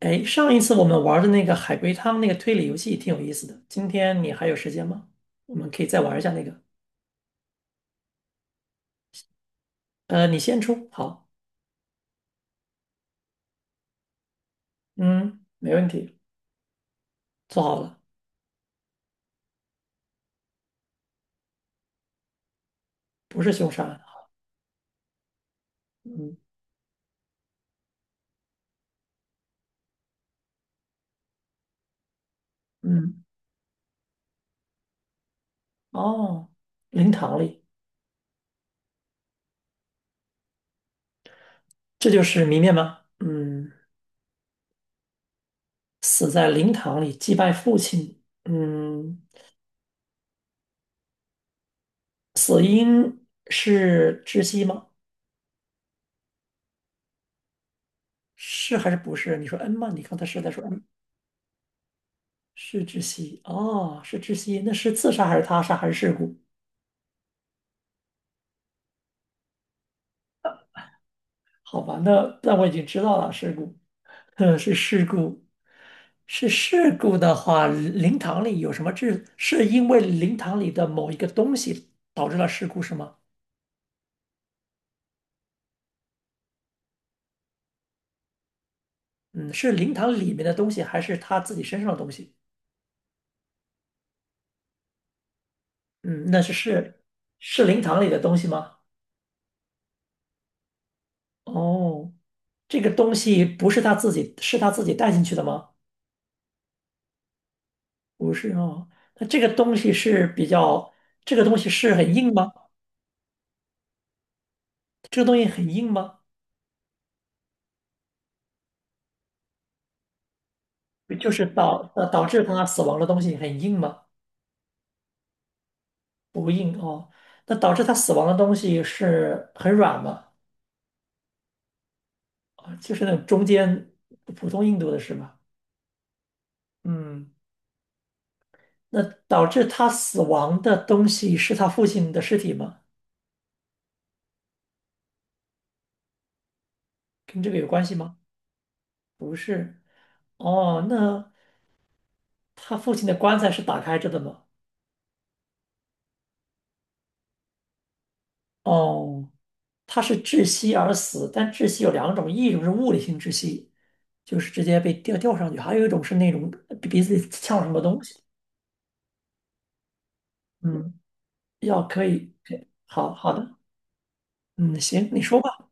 哎，上一次我们玩的那个海龟汤那个推理游戏挺有意思的，今天你还有时间吗？我们可以再玩一下那个。你先出，好，嗯，没问题，做好了，不是凶杀案，嗯嗯，哦，灵堂里，这就是谜面吗？嗯，死在灵堂里祭拜父亲，嗯，死因是窒息吗？是还是不是？你说嗯吗？你刚才是在说嗯，是窒息，哦，是窒息，那是自杀还是他杀还是事故？好吧，那我已经知道了，事故，是事故，是事故的话，灵堂里有什么致？是因为灵堂里的某一个东西导致了事故是吗？嗯，是灵堂里面的东西，还是他自己身上的东西？嗯，那是灵堂里的东西吗？哦，这个东西不是他自己，是他自己带进去的吗？不是哦，那这个东西是比较，这个东西是很硬吗？这个东西很硬吗？就是导致他死亡的东西很硬吗？不硬哦。那导致他死亡的东西是很软吗？啊，就是那种中间普通硬度的是吗？嗯，那导致他死亡的东西是他父亲的尸体吗？跟这个有关系吗？不是。哦，那他父亲的棺材是打开着的吗？哦，他是窒息而死，但窒息有两种，一种是物理性窒息，就是直接被吊上去；还有一种是那种鼻子里呛了什么东西。嗯，要可以，可以好好的，嗯，行，你说吧。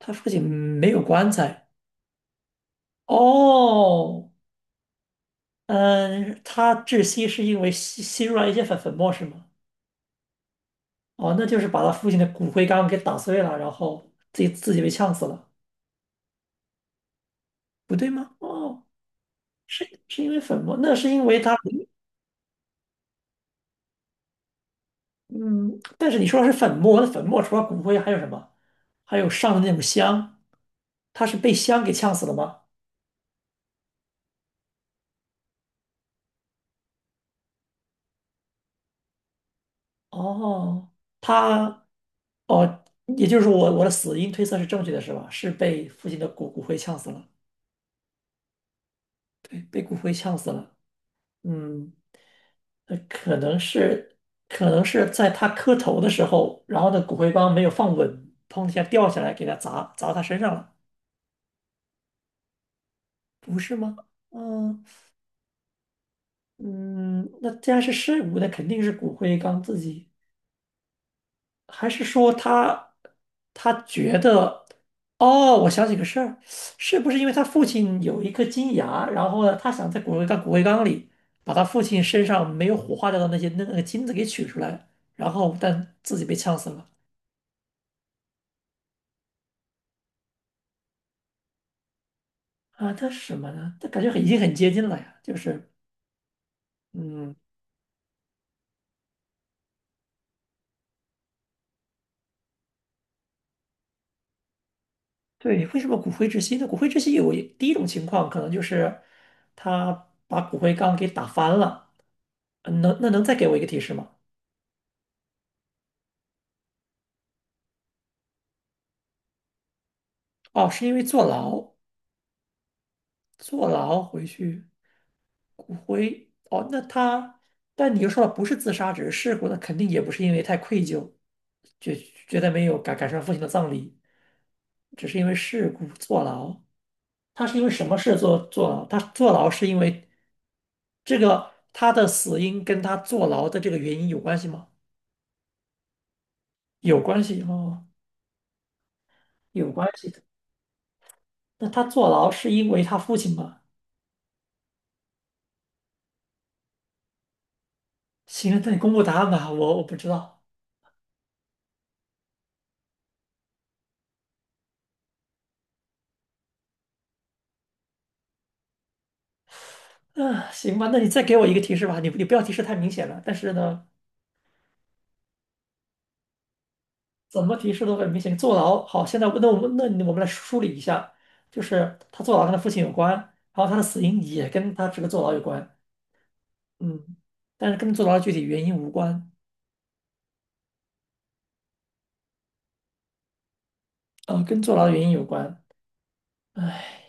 他父亲没有棺材。哦，嗯，他窒息是因为吸入了一些粉末是吗？哦，那就是把他父亲的骨灰缸给打碎了，然后自己被呛死了，不对吗？哦，是因为粉末，那是因为他。嗯，但是你说的是粉末，那粉末除了骨灰还有什么？还有上的那种香，他是被香给呛死了吗？哦，他，哦，也就是说我的死因推测是正确的，是吧？是被父亲的骨灰呛死了，对，被骨灰呛死了。嗯，呃可能是可能是在他磕头的时候，然后呢骨灰缸没有放稳，砰一下掉下来给他砸他身上了，不是吗？嗯。嗯，那既然是尸骨，那肯定是骨灰缸自己，还是说他觉得，哦，我想起个事儿，是不是因为他父亲有一颗金牙，然后呢，他想在骨灰缸里把他父亲身上没有火化掉的那些那个金子给取出来，然后但自己被呛死了啊？那是什么呢？他感觉已经很接近了呀，就是嗯，对，为什么骨灰之息呢？骨灰之息有第一种情况，可能就是他把骨灰缸给打翻了。能再给我一个提示吗？哦，是因为坐牢，坐牢回去骨灰。哦，那他，但你又说了不是自杀，只是事故，那肯定也不是因为太愧疚，觉觉得没有赶上父亲的葬礼，只是因为事故坐牢。他是因为什么事坐牢？他坐牢是因为这个他的死因跟他坐牢的这个原因有关系吗？有关系哦，有关系的。那他坐牢是因为他父亲吗？行，那你公布答案吧，我不知道。嗯，行吧，那你再给我一个提示吧，你不要提示太明显了，但是呢，怎么提示都很明显。坐牢，好，现在那我们来梳理一下，就是他坐牢跟他父亲有关，然后他的死因也跟他这个坐牢有关，嗯，但是跟坐牢的具体原因无关，跟坐牢的原因有关。哎，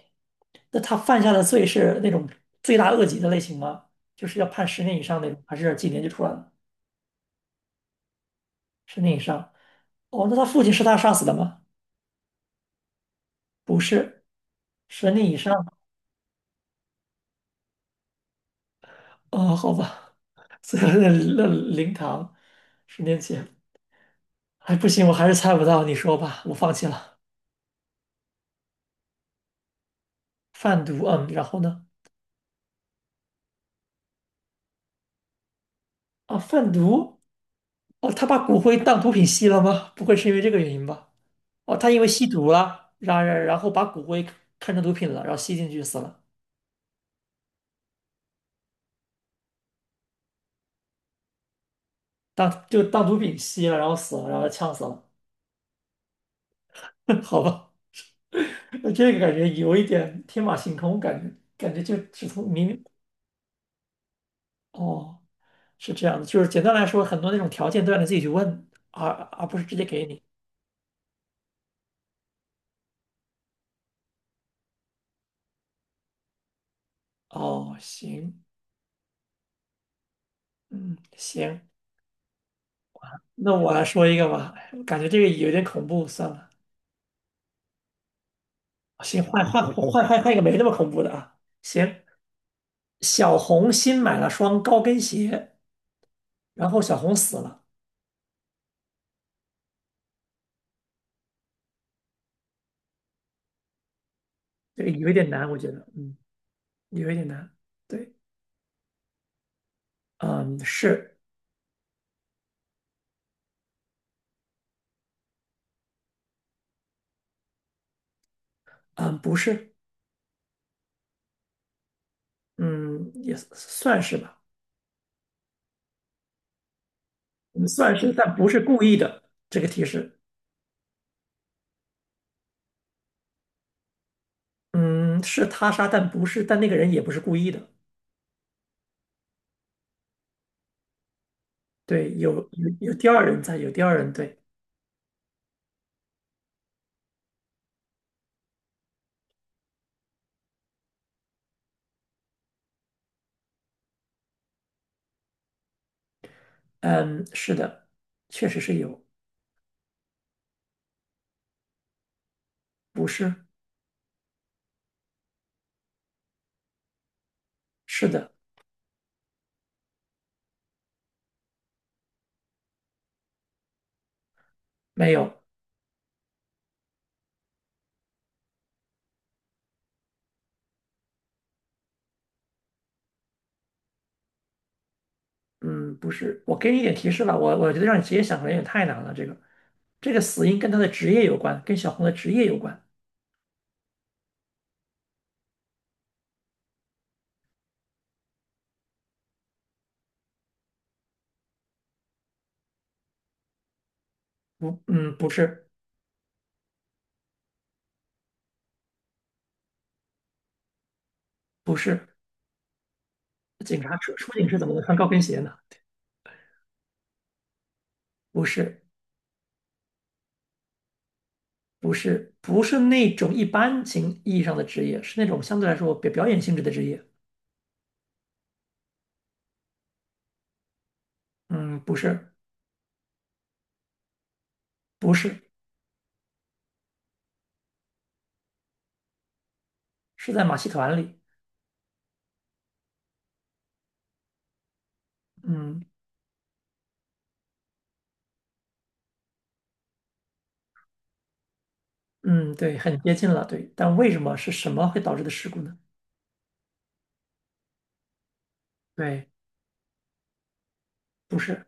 那他犯下的罪是那种罪大恶极的类型吗？就是要判十年以上那种，还是几年就出来了？十年以上。哦，那他父亲是他杀死的吗？不是，十年以上哦，好吧，所以那灵堂，10年前，哎，不行，我还是猜不到，你说吧，我放弃了。贩毒，嗯，然后呢？啊，贩毒，哦，他把骨灰当毒品吸了吗？不会是因为这个原因吧？哦，他因为吸毒了，然后把骨灰看成毒品了，然后吸进去死了，当就当毒品吸了，然后死了，然后呛死了，好吧。那这个感觉有一点天马行空，感觉就只从明明哦，是这样的，就是简单来说，很多那种条件都让你自己去问，而不是直接给你。哦，行，嗯，行，那我来说一个吧，我感觉这个有点恐怖，算了，哦行，换一个没那么恐怖的啊。行，小红新买了双高跟鞋，然后小红死了，这个有一点难，我觉得，嗯，有一点难。对，嗯，是，嗯，不是，嗯，也算是吧，嗯算是，但不是故意的，这个提示。嗯，是他杀，但不是，但那个人也不是故意的。对，有第二人在，有第二人。对，嗯，是的，确实是有，不是，是的，没有，嗯，不是。我给你一点提示吧，我觉得让你直接想可能有点太难了。这个死因跟他的职业有关，跟小红的职业有关。不，嗯，不是，不是，警察出警是怎么能穿高跟鞋呢？不是，不是，不是那种一般情意义上的职业，是那种相对来说表演性质的职业。嗯，不是。不是，是在马戏团里。嗯嗯，对，很接近了，对。但为什么是什么会导致的事故呢？对，不是，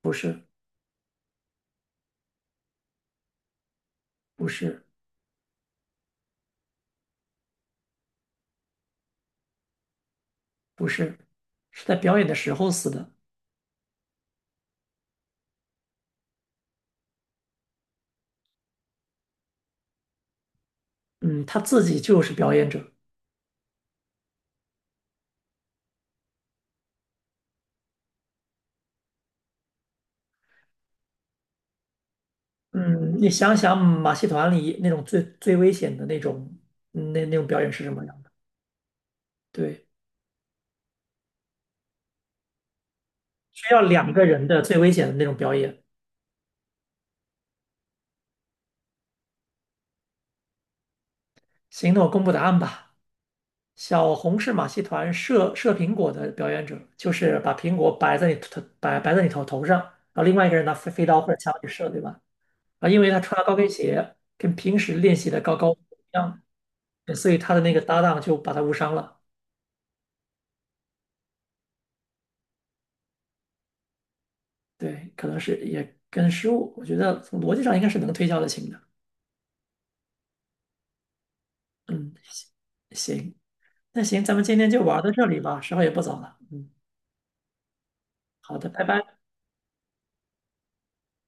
不是，不是，不是，是在表演的时候死的。嗯，他自己就是表演者。嗯，你想想马戏团里那种最危险的那种，那种表演是什么样？对，需要两个人的最危险的那种表演。行，那我公布答案吧。小红是马戏团射苹果的表演者，就是把苹果摆在你头上，然后另外一个人拿飞刀或者枪去射，对吧？啊，因为他穿了高跟鞋，跟平时练习的高不一样，对所以他的那个搭档就把他误伤了。对，可能是也跟失误，我觉得从逻辑上应该是能推敲得清的。嗯，行，那行，咱们今天就玩到这里吧，时候也不早了。嗯，好的，拜拜。